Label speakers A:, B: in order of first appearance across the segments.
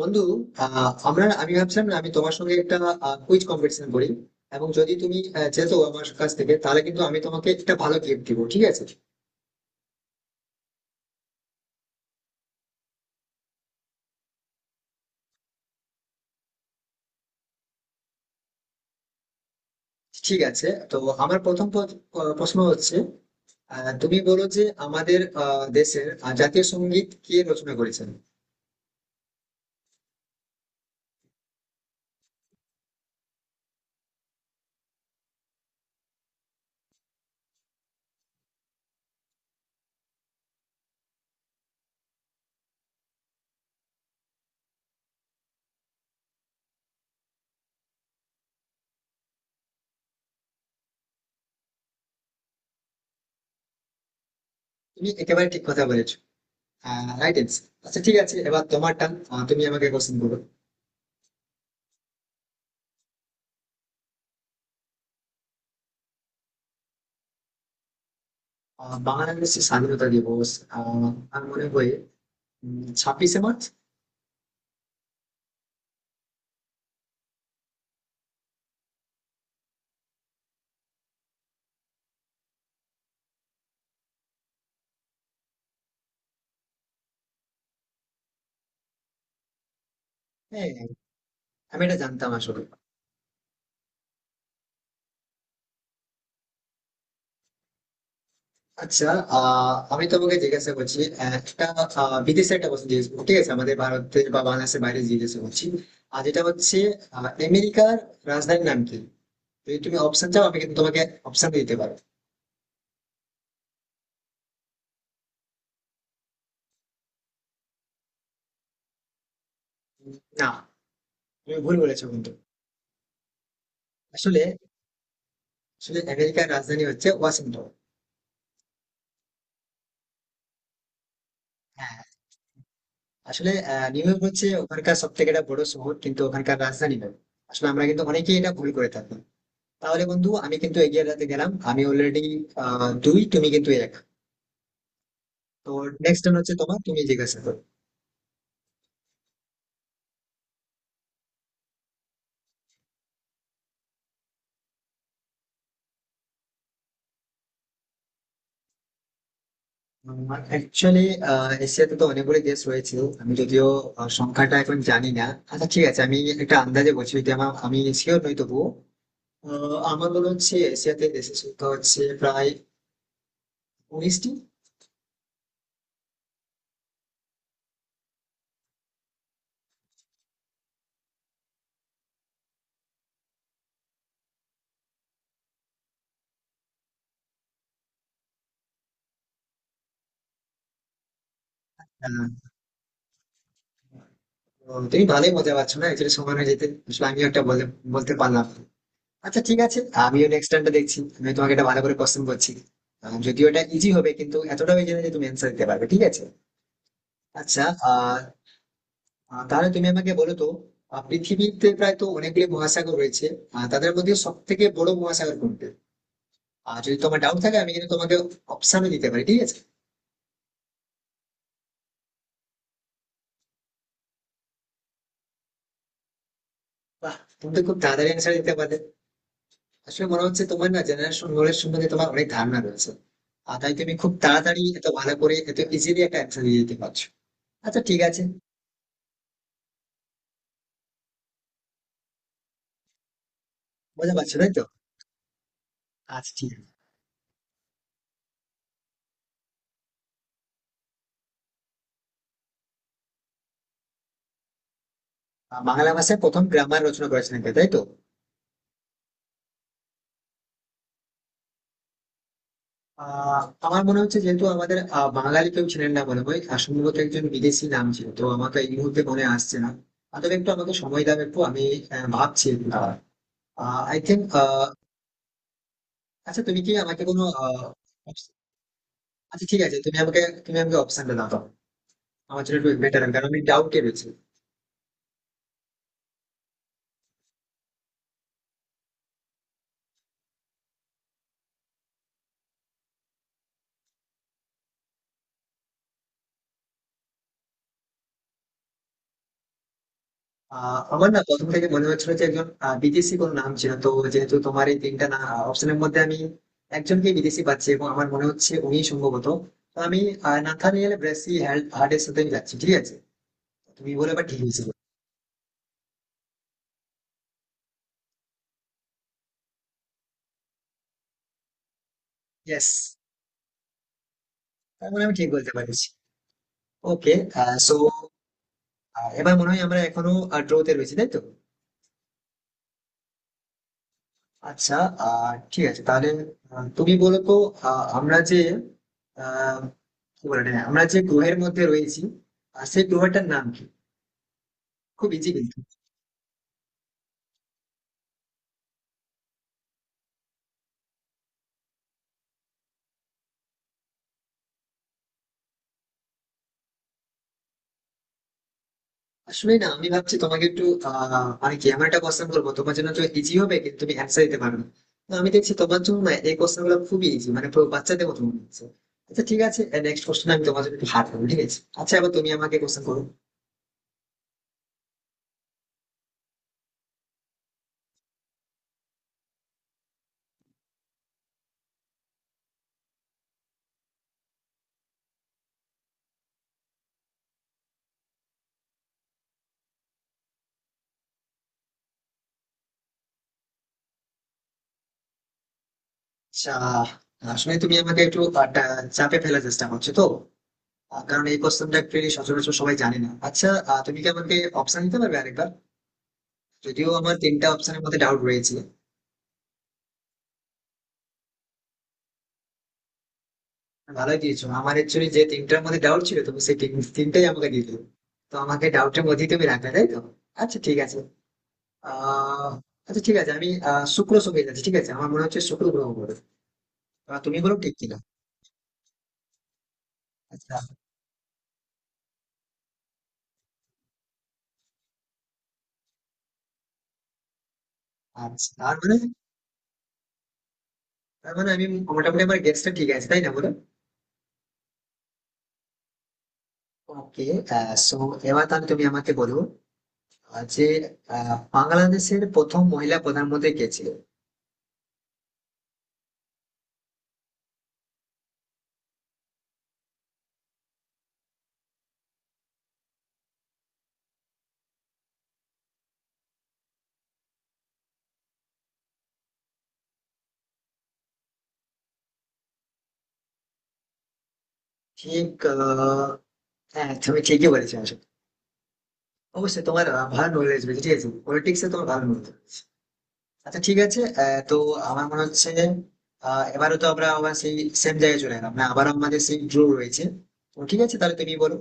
A: বন্ধু, আহ, আমরা আমি ভাবছিলাম না আমি তোমার সঙ্গে একটা কুইজ কম্পিটিশন করি। এবং যদি তুমি যেতো আমার কাছ থেকে তাহলে কিন্তু আমি তোমাকে একটা ভালো গিফট দিব, ঠিক আছে? ঠিক আছে, তো আমার প্রথম প্রশ্ন হচ্ছে, তুমি বলো যে আমাদের দেশের জাতীয় সঙ্গীত কে রচনা করেছেন। তুমি একেবারে ঠিক কথা বলেছো। Right answer. আচ্ছা ঠিক আছে, এবার তোমার টান, তুমি আমাকে কোশ্চেন করো। বাংলাদেশের স্বাধীনতা দিবস, আহ, আমার মনে হয় 26শে মার্চ। হ্যাঁ, আমি এটা জানতাম আসলে। আচ্ছা, আমি তোমাকে জিজ্ঞাসা করছি একটা বিদেশের একটা প্রশ্ন জিজ্ঞেস করবো, ঠিক আছে, আমাদের ভারতের বা বাংলাদেশের বাইরে জিজ্ঞাসা করছি। আর যেটা হচ্ছে, আমেরিকার রাজধানীর নাম কি? যদি তুমি অপশন চাও, আমি কিন্তু তোমাকে অপশন দিতে পারো। না, তুমি ভুল বলেছো কিন্তু। আসলে আসলে আমেরিকার রাজধানী হচ্ছে ওয়াশিংটন। হ্যাঁ, আসলে নিউ ইয়র্ক হচ্ছে ওখানকার সব থেকে একটা বড় শহর, কিন্তু ওখানকার রাজধানী নয়। আসলে আমরা কিন্তু অনেকেই এটা ভুল করে থাকি। তাহলে বন্ধু, আমি কিন্তু এগিয়ে যেতে গেলাম, আমি অলরেডি 2, তুমি কিন্তু 1। তো নেক্সট টাইম হচ্ছে তোমার, তুমি জিজ্ঞাসা করো। অ্যাকচুয়ালি এশিয়াতে তো অনেকগুলো দেশ রয়েছে। আমি যদিও সংখ্যাটা এখন জানি না। আচ্ছা ঠিক আছে, আমি একটা আন্দাজে বলছি, যদি আমার আমি শিওর নই তবুও। আমার মনে হচ্ছে এশিয়াতে দেশের সংখ্যা হচ্ছে প্রায় 19টি। হ্যাঁ, তো তুমি ভালোই মজা পাচ্ছ না, অ্যাকচুয়ালি সময় হয়ে যেতে আসলে আমিও একটা বলতে পারলাম না। আচ্ছা ঠিক আছে, আমিও নেক্সট টাইমটা দেখছি, আমি তোমাকে একটা ভালো করে কোশ্চেন করছি। যদিও এটা ইজি হবে কিন্তু এতটাও ইজি না যে তুমি অ্যান্সার দিতে পারবে, ঠিক আছে? আচ্ছা। আহ আহ, তাহলে তুমি আমাকে বলো তো, পৃথিবীতে প্রায় তো অনেকগুলি মহাসাগর রয়েছে, তাদের মধ্যে সব থেকে বড় মহাসাগর কোনটা? আর যদি তোমার ডাউট থাকে আমি কিন্তু তোমাকে অপশনও দিতে পারি, ঠিক আছে। বাহ, তুমি তো খুব তাড়াতাড়ি অ্যান্সার দিতে পারলে। আসলে মনে হচ্ছে তোমার না জেনারেশন নলেজ সম্বন্ধে তোমার অনেক ধারণা রয়েছে, আর তাই তুমি খুব তাড়াতাড়ি এত ভালো করে এত ইজিলি একটা অ্যান্সার দিয়ে দিতে পারছো। আচ্ছা ঠিক আছে, বোঝা পারছো তাই তো? আচ্ছা ঠিক আছে। বাংলা ভাষায় প্রথম গ্রামার রচনা করেছিলেন কে, তাই তো? আহ আমার মনে হচ্ছে যেহেতু আমাদের বাঙালি কেউ ছিলেন না মনে হয়, আর সম্ভবত একজন বিদেশি নাম ছিল, তো আমাকে এই মুহূর্তে মনে আসছে না। আর তবে একটু আমাকে সময় দাও, একটু আমি ভাবছি। I think. আচ্ছা, তুমি কি আমাকে কোনো আচ্ছা ঠিক আছে, তুমি আমাকে অপশনটা দাও তো। আমার জন্য একটু বেটার হবে, কারণ আমি ডাউটে রয়েছি। আমার না প্রথম থেকে মনে হচ্ছিল যে একজন বিদেশি কোন নাম ছিল, তো যেহেতু তোমার এই 3টা না অপশনের মধ্যে আমি একজনকে বিদেশি পাচ্ছি এবং আমার মনে হচ্ছে উনি সম্ভবত, তো আমি নাথানিয়েল ব্রেসি হার্ডের সাথে আমি যাচ্ছি, ঠিক আছে। তুমি বলে এবার ঠিক হয়েছিল। ইয়েস। তার মানে আমি ঠিক বলতে পারছি। ওকে। সো এবার মনে হয় আমরা এখনো ড্রোতে রয়েছি, তাই তো? আচ্ছা। ঠিক আছে তাহলে, তুমি বলো তো, আহ, আমরা যে আহ কি বলে এটা, আমরা যে গ্রহের মধ্যে রয়েছি আর সেই গ্রহটার নাম কি? খুব ইজি কিন্তু। আসলে না আমি ভাবছি তোমাকে একটু আহ মানে কি আমার একটা কোশ্চেন বলবো তোমার জন্য তো ইজি হবে কিন্তু তুমি অ্যান্সার দিতে পারবে না। তো আমি দেখছি তোমার জন্য না এই কোশ্চেন গুলো খুবই ইজি, মানে পুরো বাচ্চাদের মতো মনে হচ্ছে। আচ্ছা ঠিক আছে, নেক্সট কোশ্চেন আমি তোমার জন্য একটু হার্ড করবো, ঠিক আছে। আচ্ছা এবার তুমি আমাকে কোশ্চেন করো। আচ্ছা, আসলে তুমি আমাকে একটু চাপে ফেলার চেষ্টা করছো তো। কারণ এই কোশ্চেনটা একচুয়ালি সচরাচর সবাই জানে না। আচ্ছা, তুমি কি আমাকে অপশন দিতে পারবে আরেকবার? যদিও আমার 3টা অপশনের মধ্যে ডাউট রয়েছে। ভালোই দিয়েছো, আমার অ্যাকচুয়ালি যে 3টার মধ্যে ডাউট ছিল তুমি সেই তিনটাই আমাকে দিয়ে দিলে। তো আমাকে ডাউটের মধ্যেই তুমি রাখলে, তাই তো? আচ্ছা ঠিক আছে। আহ আচ্ছা ঠিক আছে, আমি শুক্র সঙ্গে যাচ্ছি, ঠিক আছে। আমার মনে হচ্ছে শুক্র গ্রহ বলে, তুমি বলো ঠিক কিনা। আচ্ছা। আচ্ছা, তার মানে আমি মোটামুটি আমার গেস্টটা ঠিক আছে তাই না, বলো? ওকে। সো এবার তাহলে তুমি আমাকে বলো, আহ, যে বাংলাদেশের প্রথম মহিলা প্রধানমন্ত্রী কে ছিল? ঠিক, আহ, হ্যাঁ তুমি ঠিকই বলেছো আসলে। অবশ্যই তোমার ভালো নলেজ রয়েছে, ঠিক আছে, পলিটিক্সে তোমার ভালো নলেজ। আচ্ছা ঠিক আছে, তো আমার মনে হচ্ছে এবারও তো আমরা আবার সেই সেম জায়গায় চলে এলাম না, আবারও আমাদের সেই ড্র রয়েছে। তো ঠিক আছে, তাহলে তুমি বলো।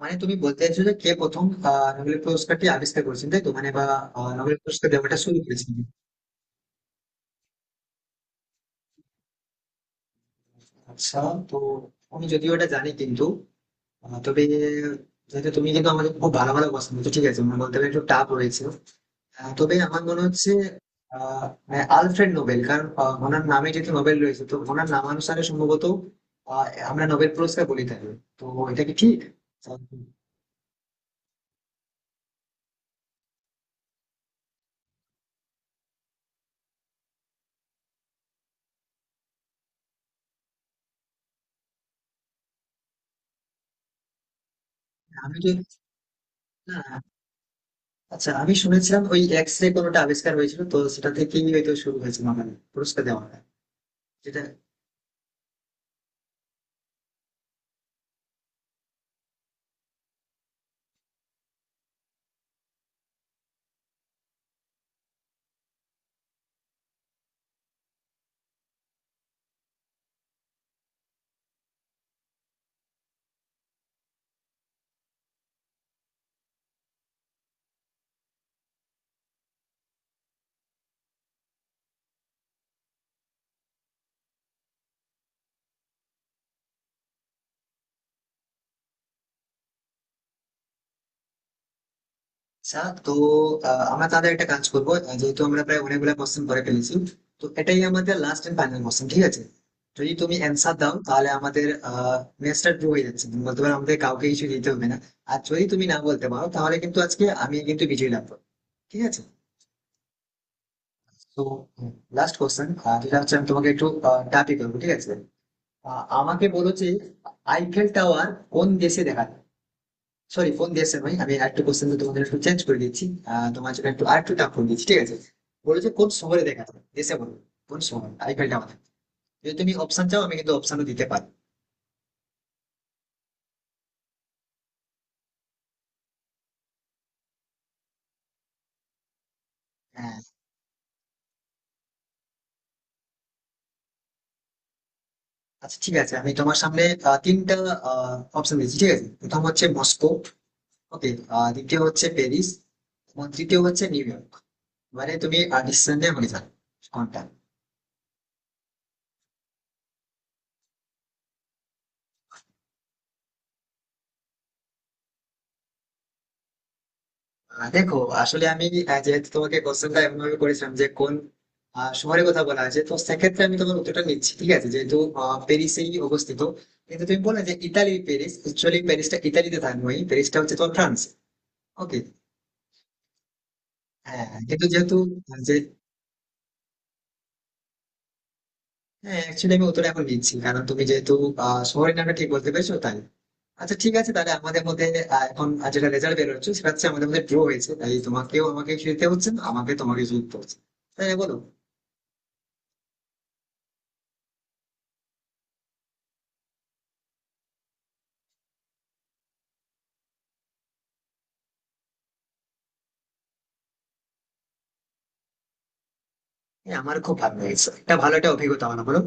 A: মানে তুমি বলতে চাইছো যে কে প্রথম নোবেল পুরস্কারটি আবিষ্কার করেছেন, তাই তো, মানে বা নোবেল পুরস্কার দেওয়াটা শুরু করেছেন? আচ্ছা, তো আমি যদিও এটা জানি, কিন্তু তবে যেহেতু তুমি কিন্তু আমাদের খুব ভালো ভালো কোশ্চেন, ঠিক আছে, মানে বলতে পারি একটু টাফ রয়েছে। তবে আমার মনে হচ্ছে আহ আহ, আলফ্রেড নোবেল, কারণ ওনার নামে যেহেতু নোবেল রয়েছে তো ওনার নামানুসারে সম্ভবত আহ, আমরা নোবেল পুরস্কার বলি থাকি। তো এটা কি ঠিক? আহ, আমি যে না, আচ্ছা আমি শুনেছিলাম ওই এক্স রে কোনোটা আবিষ্কার হয়েছিল তো সেটা থেকেই হয়তো শুরু হয়েছে, মানে পুরস্কার দেওয়াটা, যেটা। আচ্ছা, তো আমরা তাহলে একটা কাজ করবো, যেহেতু আমরা প্রায় অনেকগুলো কোশ্চেন করে ফেলেছি, তো এটাই আমাদের লাস্ট এন্ড ফাইনাল কোশ্চেন, ঠিক আছে। যদি তুমি অ্যান্সার দাও তাহলে আমাদের ম্যাচটা ড্র হয়ে যাচ্ছে, তুমি বলতে পারো আমাদের কাউকে কিছু দিতে হবে না। আর যদি তুমি না বলতে পারো তাহলে কিন্তু আজকে আমি কিন্তু বিজয়ী লাভ করবো, ঠিক আছে। তো লাস্ট কোশ্চেন, যেটা হচ্ছে আমি তোমাকে একটু টাপি করবো, ঠিক আছে। আমাকে বলো যে, আইফেল টাওয়ার কোন দেশে দেখা যায়? সরি ফোন দিয়েছেন ভাই, আমি একটা কোশ্চেন তোমাদের একটু চেঞ্জ করে দিচ্ছি। তোমার জন্য একটু আর একটু টাফ করে দিচ্ছি, ঠিক আছে। বলেছে কোন শহরে দেখা যাবে, দেশে বলো। কোন শহর আইপিএলটা আমাদের। যদি তুমি অপশন চাও আমি কিন্তু অপশনও দিতে পারি। হ্যাঁ, আচ্ছা ঠিক আছে, আমি তোমার সামনে 3টা অপশন দিচ্ছি, ঠিক আছে। প্রথম হচ্ছে মস্কো। ওকে। দ্বিতীয় হচ্ছে প্যারিস এবং তৃতীয় হচ্ছে নিউ ইয়র্ক। মানে তুমি ডিসিশন নিয়ে আমাকে জানো কোনটা। দেখো, আসলে আমি যেহেতু তোমাকে কোশ্চেনটা এমন ভাবে করেছিলাম যে কোন শহরের কথা বলা আছে, তো সেক্ষেত্রে আমি তোমার উত্তরটা নিচ্ছি, ঠিক আছে, যেহেতু প্যারিসেই অবস্থিত। কিন্তু তুমি বললে যে ইতালির প্যারিস, অ্যাকচুয়ালি প্যারিসটা ইতালিতে থাকবে, প্যারিসটা হচ্ছে তোমার ফ্রান্স। ওকে। হ্যাঁ হ্যাঁ, কিন্তু যেহেতু আহ, যে হ্যাঁ অ্যাকচুয়ালি আমি উত্তরটা এখন নিচ্ছি কারণ তুমি যেহেতু শহরের নামটা ঠিক বলতে পেরেছো, তাই। আচ্ছা ঠিক আছে, তাহলে আমাদের মধ্যে যেটা রেজাল্ট বেরোচ্ছে সেটা হচ্ছে আমাদের মধ্যে ড্র হয়েছে, তাই তোমাকেও আমাকে জিততে হচ্ছে না, আমাকে তোমাকে জিততে হচ্ছে। তাই না, বলো? হ্যাঁ, আমার খুব ভালো লেগেছে, একটা ভালো একটা অভিজ্ঞতা হলো, বলো।